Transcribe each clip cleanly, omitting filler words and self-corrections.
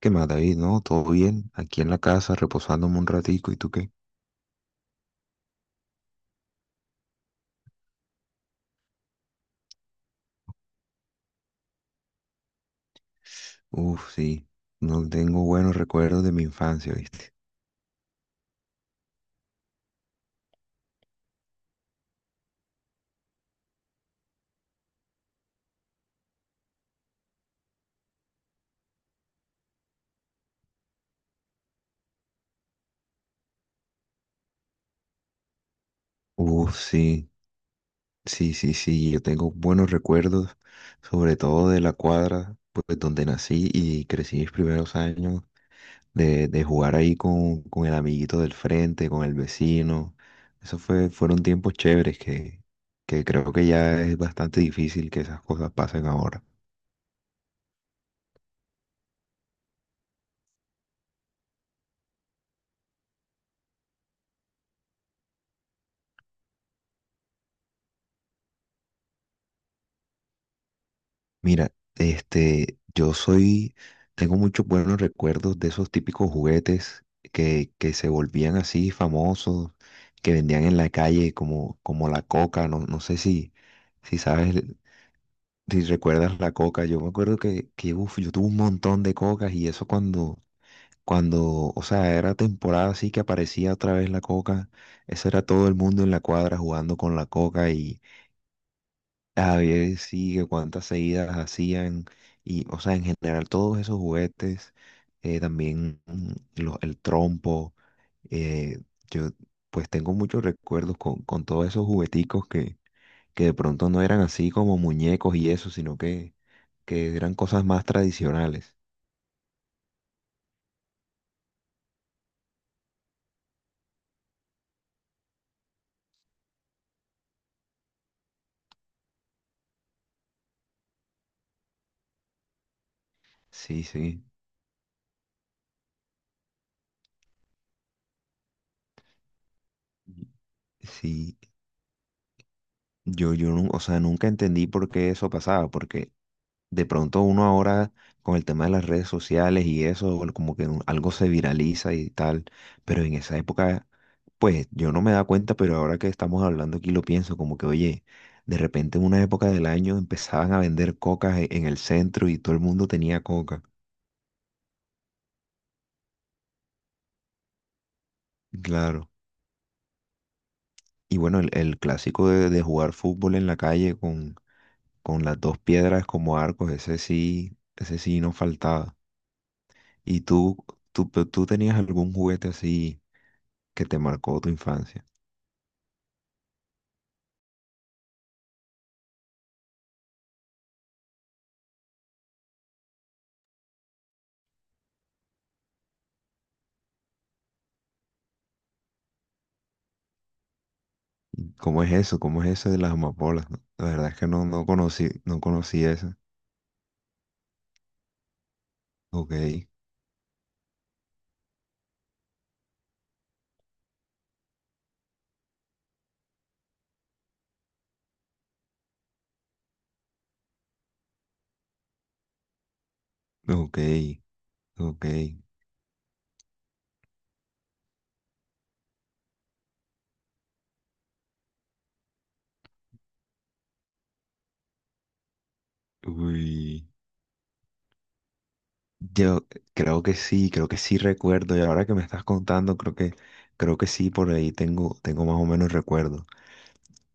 ¿Qué más, David? ¿No? ¿Todo bien? Aquí en la casa, reposándome un ratico. ¿Y tú qué? Uf, sí. No tengo buenos recuerdos de mi infancia, ¿viste? Uf, sí. Sí, sí, sí. Yo tengo buenos recuerdos, sobre todo de la cuadra, pues, donde nací y crecí mis primeros años, de jugar ahí con el amiguito del frente, con el vecino. Eso fue, fueron tiempos chéveres que creo que ya es bastante difícil que esas cosas pasen ahora. Mira, este, yo soy, tengo muchos buenos recuerdos de esos típicos juguetes que se volvían así famosos, que vendían en la calle como, como la coca, no, no sé si, si sabes, si recuerdas la coca. Yo me acuerdo que uf, yo tuve un montón de cocas y eso cuando, cuando, o sea, era temporada así que aparecía otra vez la coca, eso era todo el mundo en la cuadra jugando con la coca y a ver sí, que cuántas seguidas hacían y, o sea, en general todos esos juguetes, también el trompo, eh, yo pues tengo muchos recuerdos con todos esos jugueticos que de pronto no eran así como muñecos y eso, sino que eran cosas más tradicionales. Sí, sí, sí, yo, o sea, nunca entendí por qué eso pasaba, porque de pronto uno ahora con el tema de las redes sociales y eso, bueno, como que algo se viraliza y tal, pero en esa época, pues yo no me da cuenta, pero ahora que estamos hablando aquí lo pienso, como que oye, de repente en una época del año empezaban a vender cocas en el centro y todo el mundo tenía coca. Claro. Y bueno, el clásico de jugar fútbol en la calle con las dos piedras como arcos, ese sí no faltaba. ¿Y tú tenías algún juguete así que te marcó tu infancia? ¿Cómo es eso? ¿Cómo es eso de las amapolas? No, la verdad es que no, no conocí, no conocí eso. Ok, ok, ok. Uy. Yo creo que sí recuerdo. Y ahora que me estás contando, creo que sí, por ahí tengo, tengo más o menos recuerdo.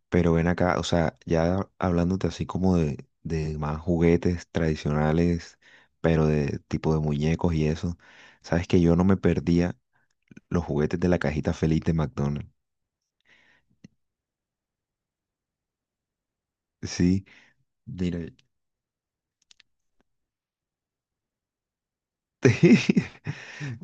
Pero ven acá, o sea, ya hablándote así como de más juguetes tradicionales, pero de tipo de muñecos y eso, sabes que yo no me perdía los juguetes de la cajita feliz de McDonald's. Sí, mira,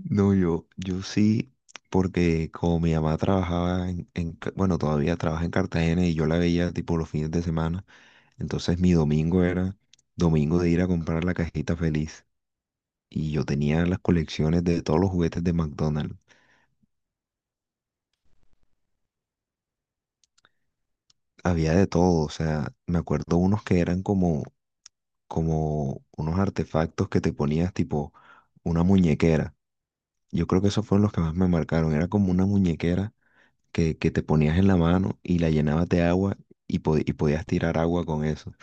no, yo sí, porque como mi mamá trabajaba en bueno, todavía trabaja en Cartagena y yo la veía tipo los fines de semana, entonces mi domingo era domingo de ir a comprar la cajita feliz y yo tenía las colecciones de todos los juguetes de McDonald's, había de todo, o sea, me acuerdo unos que eran como, como unos artefactos que te ponías tipo una muñequera, yo creo que esos fueron los que más me marcaron, era como una muñequera que te ponías en la mano y la llenabas de agua y, y podías tirar agua con eso.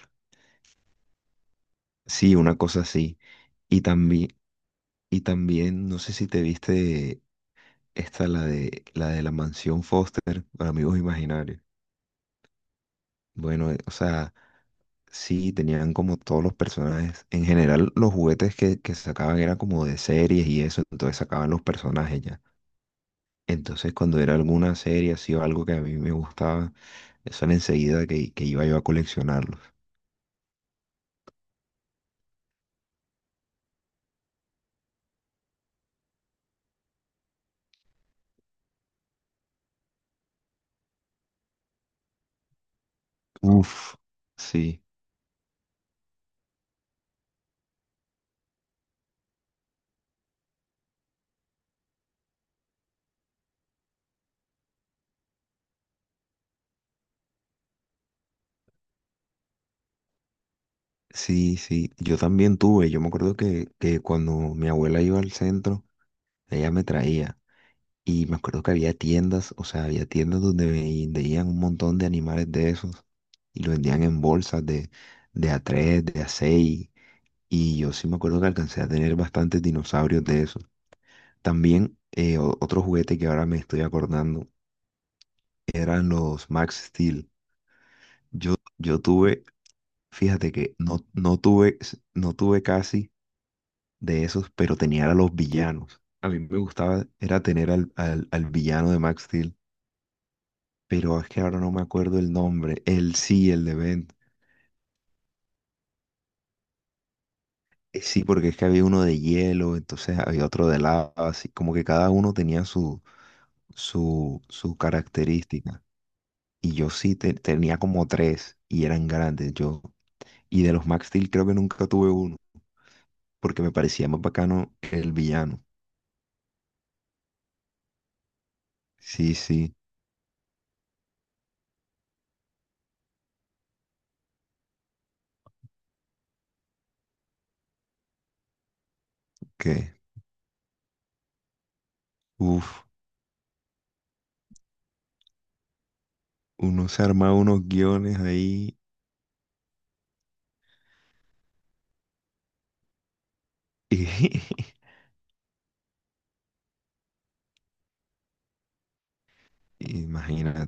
Sí, una cosa así. Y también, y también, no sé si te viste esta, la de la mansión Foster, para amigos imaginarios. Bueno, o sea, sí, tenían como todos los personajes. En general, los juguetes que sacaban eran como de series y eso, entonces sacaban los personajes ya. Entonces, cuando era alguna serie así o algo que a mí me gustaba, eso era enseguida que iba yo a coleccionarlos. Uf, sí, sí, sí. Yo también tuve. Yo me acuerdo que cuando mi abuela iba al centro, ella me traía. Y me acuerdo que había tiendas, o sea, había tiendas donde vendían un montón de animales de esos. Y lo vendían en bolsas de a 3, de a seis. Y yo sí me acuerdo que alcancé a tener bastantes dinosaurios de esos. También otro juguete que ahora me estoy acordando eran los Max Steel. Yo tuve, fíjate que no, no tuve, no tuve casi de esos, pero tenía a los villanos. A mí me gustaba, era tener al villano de Max Steel, pero es que ahora no me acuerdo el nombre. Él sí, el de Ben. Sí, porque es que había uno de hielo, entonces había otro de lava, así como que cada uno tenía su, su, su característica. Y yo sí tenía como tres y eran grandes. Yo, y de los Max Steel creo que nunca tuve uno, porque me parecía más bacano el villano. Sí, sí, que, uff, uno se arma unos guiones ahí. Y, imagina,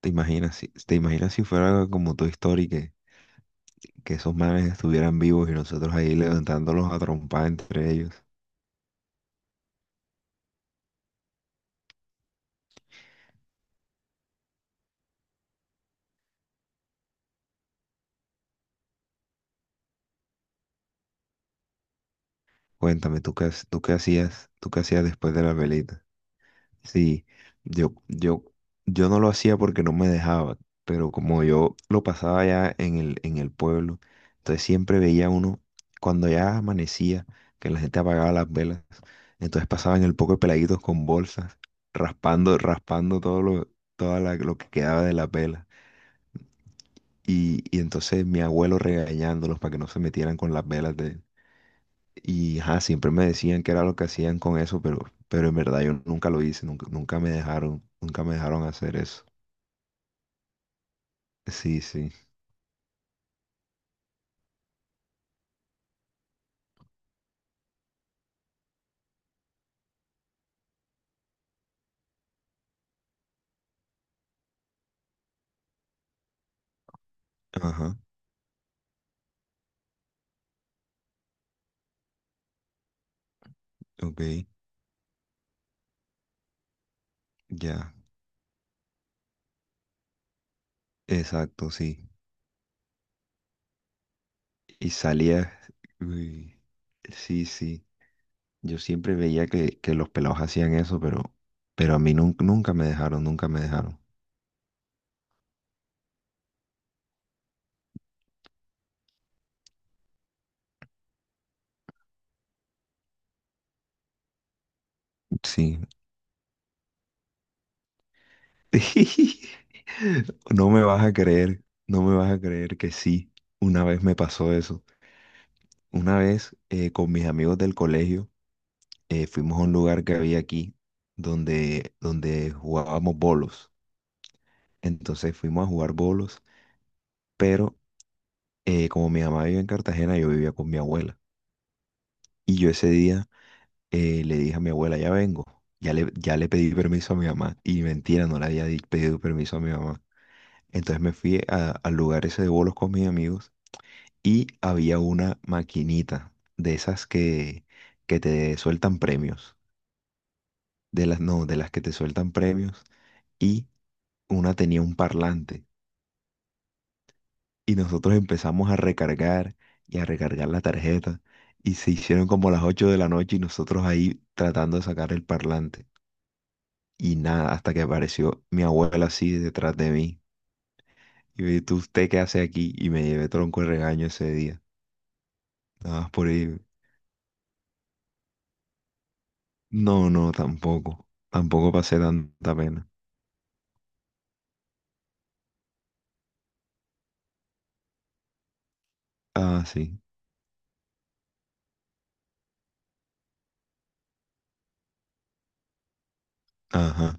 te imaginas, te imaginas si fuera como tu historia que esos manes estuvieran vivos y nosotros ahí levantándolos a trompar entre ellos. Cuéntame, ¿tú qué, tú qué hacías después de la velita? Sí, yo, yo, yo no lo hacía porque no me dejaba, pero como yo lo pasaba ya en el pueblo, entonces siempre veía uno, cuando ya amanecía, que la gente apagaba las velas, entonces pasaban el poco de peladitos con bolsas, raspando, raspando todo lo, toda lo que quedaba de las velas. Y entonces mi abuelo regañándolos para que no se metieran con las velas y ajá, siempre me decían que era lo que hacían con eso, pero en verdad yo nunca lo hice, nunca, nunca me dejaron, nunca me dejaron hacer eso. Sí, sí. Ajá, ok, ya, exacto, sí. Y salía, uy, sí, sí. Yo siempre veía que los pelados hacían eso, pero a mí nunca me dejaron, nunca me dejaron. Sí. No me vas a creer, no me vas a creer que sí. Una vez me pasó eso. Una vez con mis amigos del colegio, fuimos a un lugar que había aquí donde, donde jugábamos bolos. Entonces fuimos a jugar bolos, pero como mi mamá vive en Cartagena, yo vivía con mi abuela. Y yo ese día le dije a mi abuela, ya vengo, ya le pedí permiso a mi mamá. Y mentira, no le había pedido permiso a mi mamá. Entonces me fui al lugar ese de bolos con mis amigos y había una maquinita de esas que te sueltan premios. De las, no, de las que te sueltan premios, y una tenía un parlante. Y nosotros empezamos a recargar y a recargar la tarjeta. Y se hicieron como las 8 de la noche y nosotros ahí tratando de sacar el parlante. Y nada, hasta que apareció mi abuela así detrás de mí. Y me dijo, ¿tú? ¿Usted qué hace aquí? Y me llevé tronco de regaño ese día. Nada más por ahí. No, no, tampoco. Tampoco pasé tanta pena. Ah, sí. Ajá.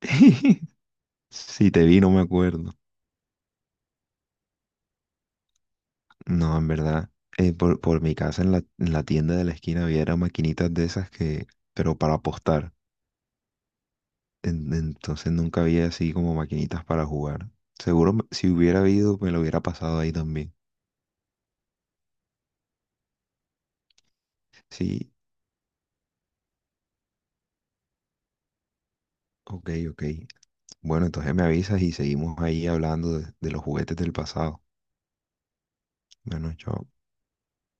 Si te vi, no me acuerdo. No, en verdad, por mi casa en la tienda de la esquina había era maquinitas de esas que, pero para apostar. Entonces nunca había así como maquinitas para jugar. Seguro si hubiera habido, me lo hubiera pasado ahí también. Sí, ok, ok. Bueno, entonces me avisas y seguimos ahí hablando de los juguetes del pasado. Bueno, chao.